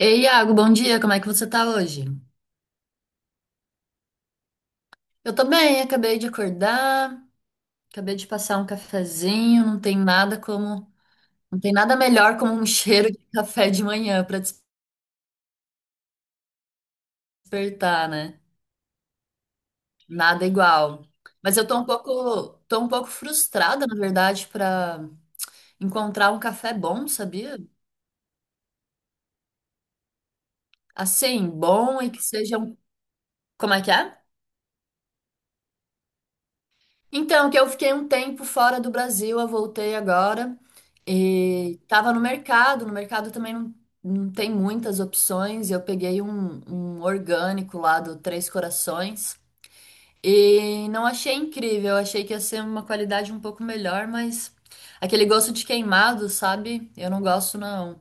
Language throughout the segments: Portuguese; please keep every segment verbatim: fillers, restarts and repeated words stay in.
Ei, Iago, bom dia, como é que você tá hoje? Eu tô bem, acabei de acordar, acabei de passar um cafezinho, não tem nada como, não tem nada melhor como um cheiro de café de manhã pra despertar, né? Nada igual. Mas eu tô um pouco, tô um pouco frustrada, na verdade, pra encontrar um café bom, sabia? Assim, bom e que seja um, como é que é? Então, que eu fiquei um tempo fora do Brasil, eu voltei agora e tava no mercado. No mercado também não, não tem muitas opções. Eu peguei um, um orgânico lá do Três Corações e não achei incrível. Eu achei que ia ser uma qualidade um pouco melhor, mas aquele gosto de queimado, sabe? Eu não gosto, não.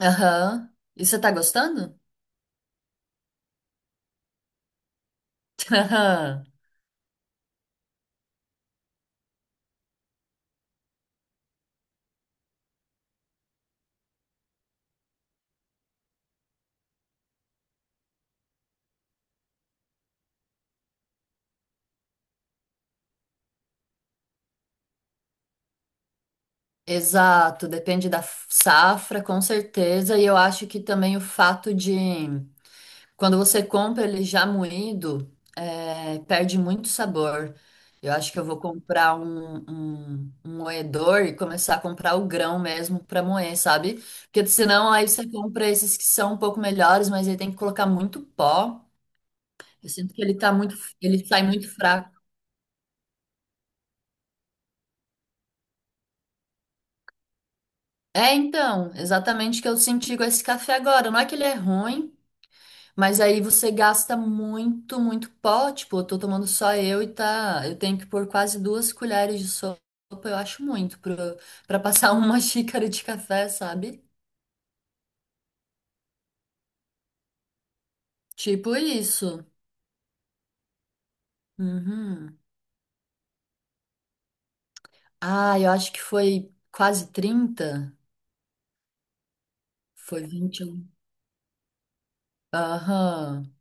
Aham. E você tá gostando? Aham. Exato, depende da safra, com certeza. E eu acho que também o fato de quando você compra ele já moído, é, perde muito sabor. Eu acho que eu vou comprar um, um, um moedor e começar a comprar o grão mesmo para moer, sabe? Porque senão aí você compra esses que são um pouco melhores, mas aí tem que colocar muito pó. Eu sinto que ele tá muito, ele sai muito fraco. É, então, exatamente o que eu senti com esse café agora. Não é que ele é ruim. Mas aí você gasta muito, muito pó. Tipo, eu tô tomando só eu e tá. Eu tenho que pôr quase duas colheres de sopa, eu acho muito, pro- pra passar uma xícara de café, sabe? Tipo isso. Uhum. Ah, eu acho que foi quase trinta. Foi vinte e um. Aham.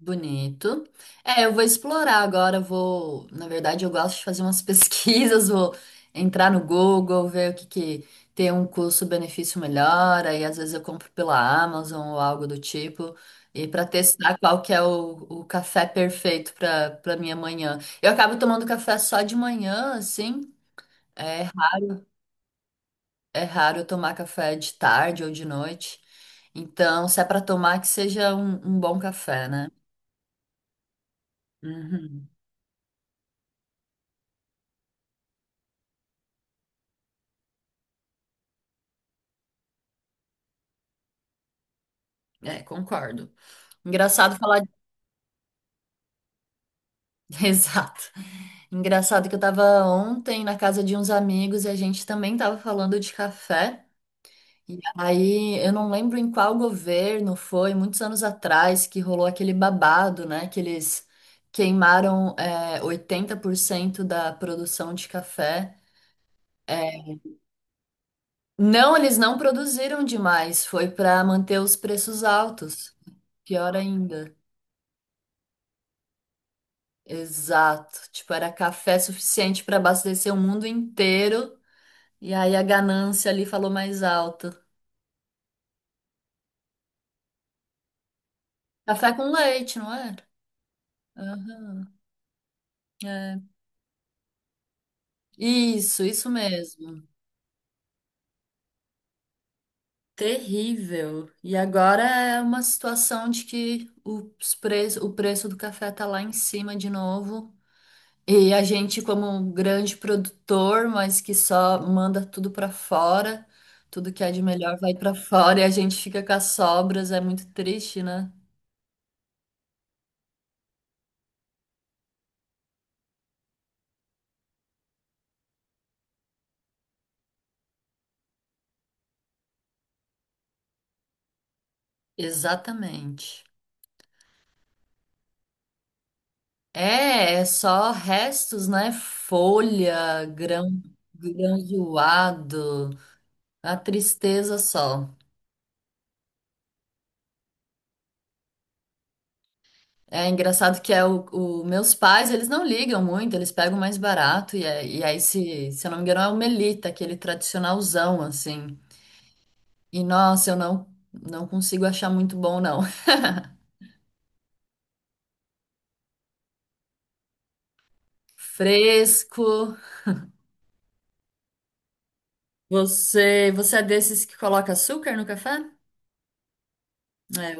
Bonito. É, eu vou explorar agora, eu vou, na verdade, eu gosto de fazer umas pesquisas, vou entrar no Google, ver o que que tem um custo-benefício melhor, aí às vezes eu compro pela Amazon ou algo do tipo, e para testar qual que é o, o café perfeito para para minha manhã. Eu acabo tomando café só de manhã, assim, é, ra- é raro eu tomar café de tarde ou de noite. Então, se é para tomar, que seja um, um bom café, né? Uhum. É, concordo. Engraçado falar. Exato. Engraçado que eu tava ontem na casa de uns amigos e a gente também tava falando de café. E aí eu não lembro em qual governo foi, muitos anos atrás, que rolou aquele babado, né? Que eles queimaram é, oitenta por cento da produção de café. É, não, eles não produziram demais, foi para manter os preços altos. Pior ainda. Exato. Tipo, era café suficiente para abastecer o mundo inteiro. E aí a ganância ali falou mais alto. Café com leite, não era? Aham. É. Isso, isso mesmo. Terrível. E agora é uma situação de que os preço, o preço do café tá lá em cima de novo. E a gente, como um grande produtor, mas que só manda tudo para fora, tudo que é de melhor vai para fora e a gente fica com as sobras, é muito triste, né? Exatamente. É, é só restos, né? Folha, grão, grão zoado, a tristeza só. É engraçado que é o, o- meus pais, eles não ligam muito, eles pegam mais barato e, é- e aí se, se eu não me engano é o Melita, aquele tradicionalzão assim. E nossa, eu não não consigo achar muito bom não. Fresco. Você, você é desses que coloca açúcar no café? É,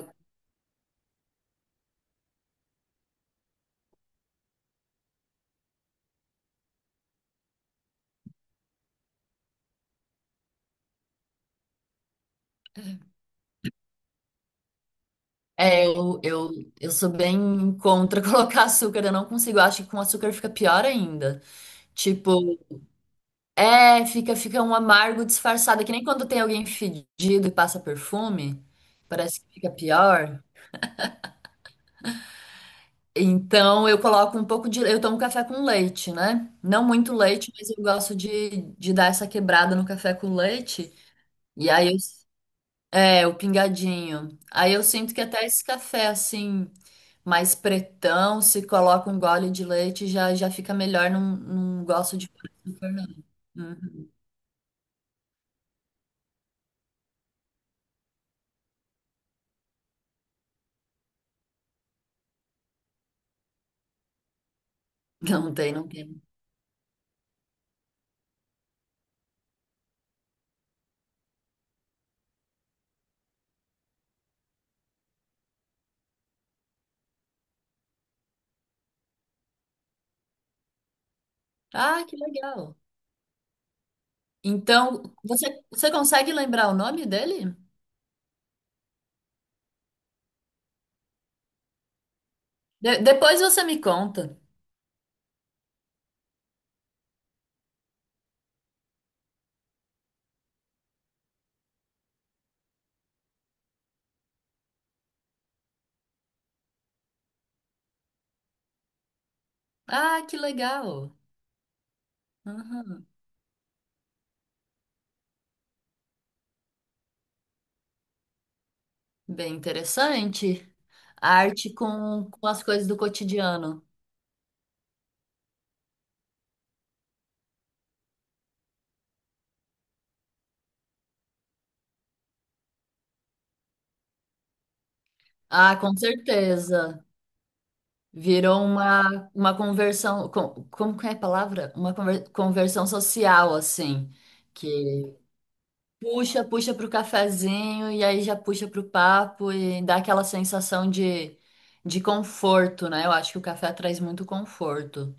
é, eu, eu, eu sou bem contra colocar açúcar, eu não consigo. Eu acho que com açúcar fica pior ainda. Tipo, é, fica, fica um amargo disfarçado, é que nem quando tem alguém fedido e passa perfume, parece que fica pior. Então eu coloco um pouco de. Eu tomo café com leite, né? Não muito leite, mas eu gosto de, de dar essa quebrada no café com leite. E aí eu. É, o pingadinho. Aí eu sinto que até esse café, assim, mais pretão, se coloca um gole de leite, já, já fica melhor, não, não gosto de pôr açúcar, não. Uhum. Não tem, não tem. Ah, que legal. Então, você, você consegue lembrar o nome dele? De- depois você me conta. Ah, que legal. Uhum. Bem interessante. Arte com, com as coisas do cotidiano. Ah, com certeza. Virou uma, uma conversão, com- como que é a palavra? Uma conver- conversão social, assim, que puxa, puxa para o cafezinho e aí já puxa para o papo e dá aquela sensação de, de conforto, né? Eu acho que o café traz muito conforto.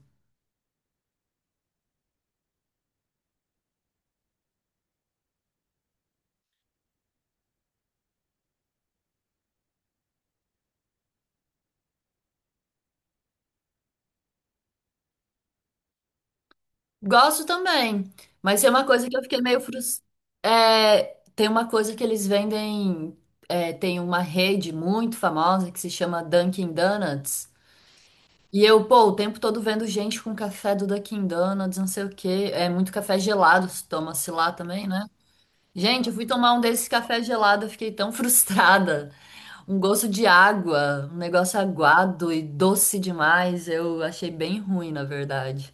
Gosto também, mas tem uma coisa que eu fiquei meio frustrada. Tem uma coisa que eles vendem, é, tem uma rede muito famosa que se chama Dunkin' Donuts. E eu, pô, o tempo todo vendo gente com café do Dunkin' Donuts, não sei o quê. É muito café gelado, se toma-se lá também, né? Gente, eu fui tomar um desses café gelado, eu fiquei tão frustrada. Um gosto de água, um negócio aguado e doce demais. Eu achei bem ruim, na verdade.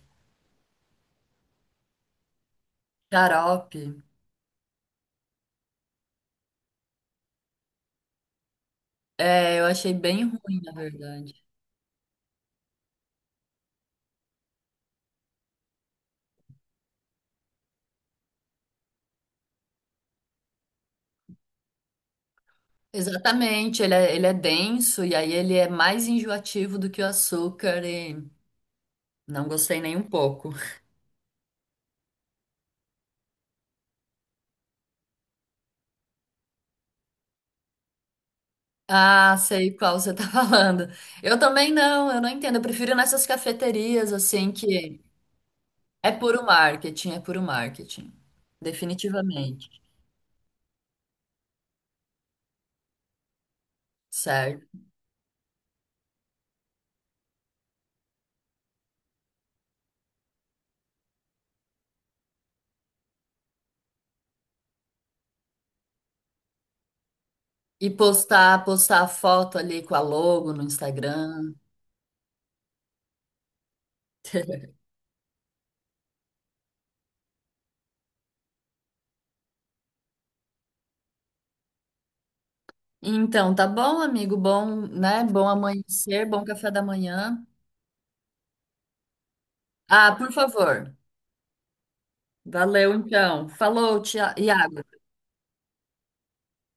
Xarope. É, eu achei bem ruim, na verdade. Exatamente, ele é, ele é denso e aí ele é mais enjoativo do que o açúcar e não gostei nem um pouco. Ah, sei qual você tá falando. Eu também não, eu não entendo. Eu prefiro nessas cafeterias, assim, que é puro marketing, é puro marketing. Definitivamente, certo? E postar, postar a foto ali com a logo no Instagram. Então, tá bom, amigo? Bom, né? Bom amanhecer, bom café da manhã. Ah, por favor. Valeu, então. Falou, Tia- Iago.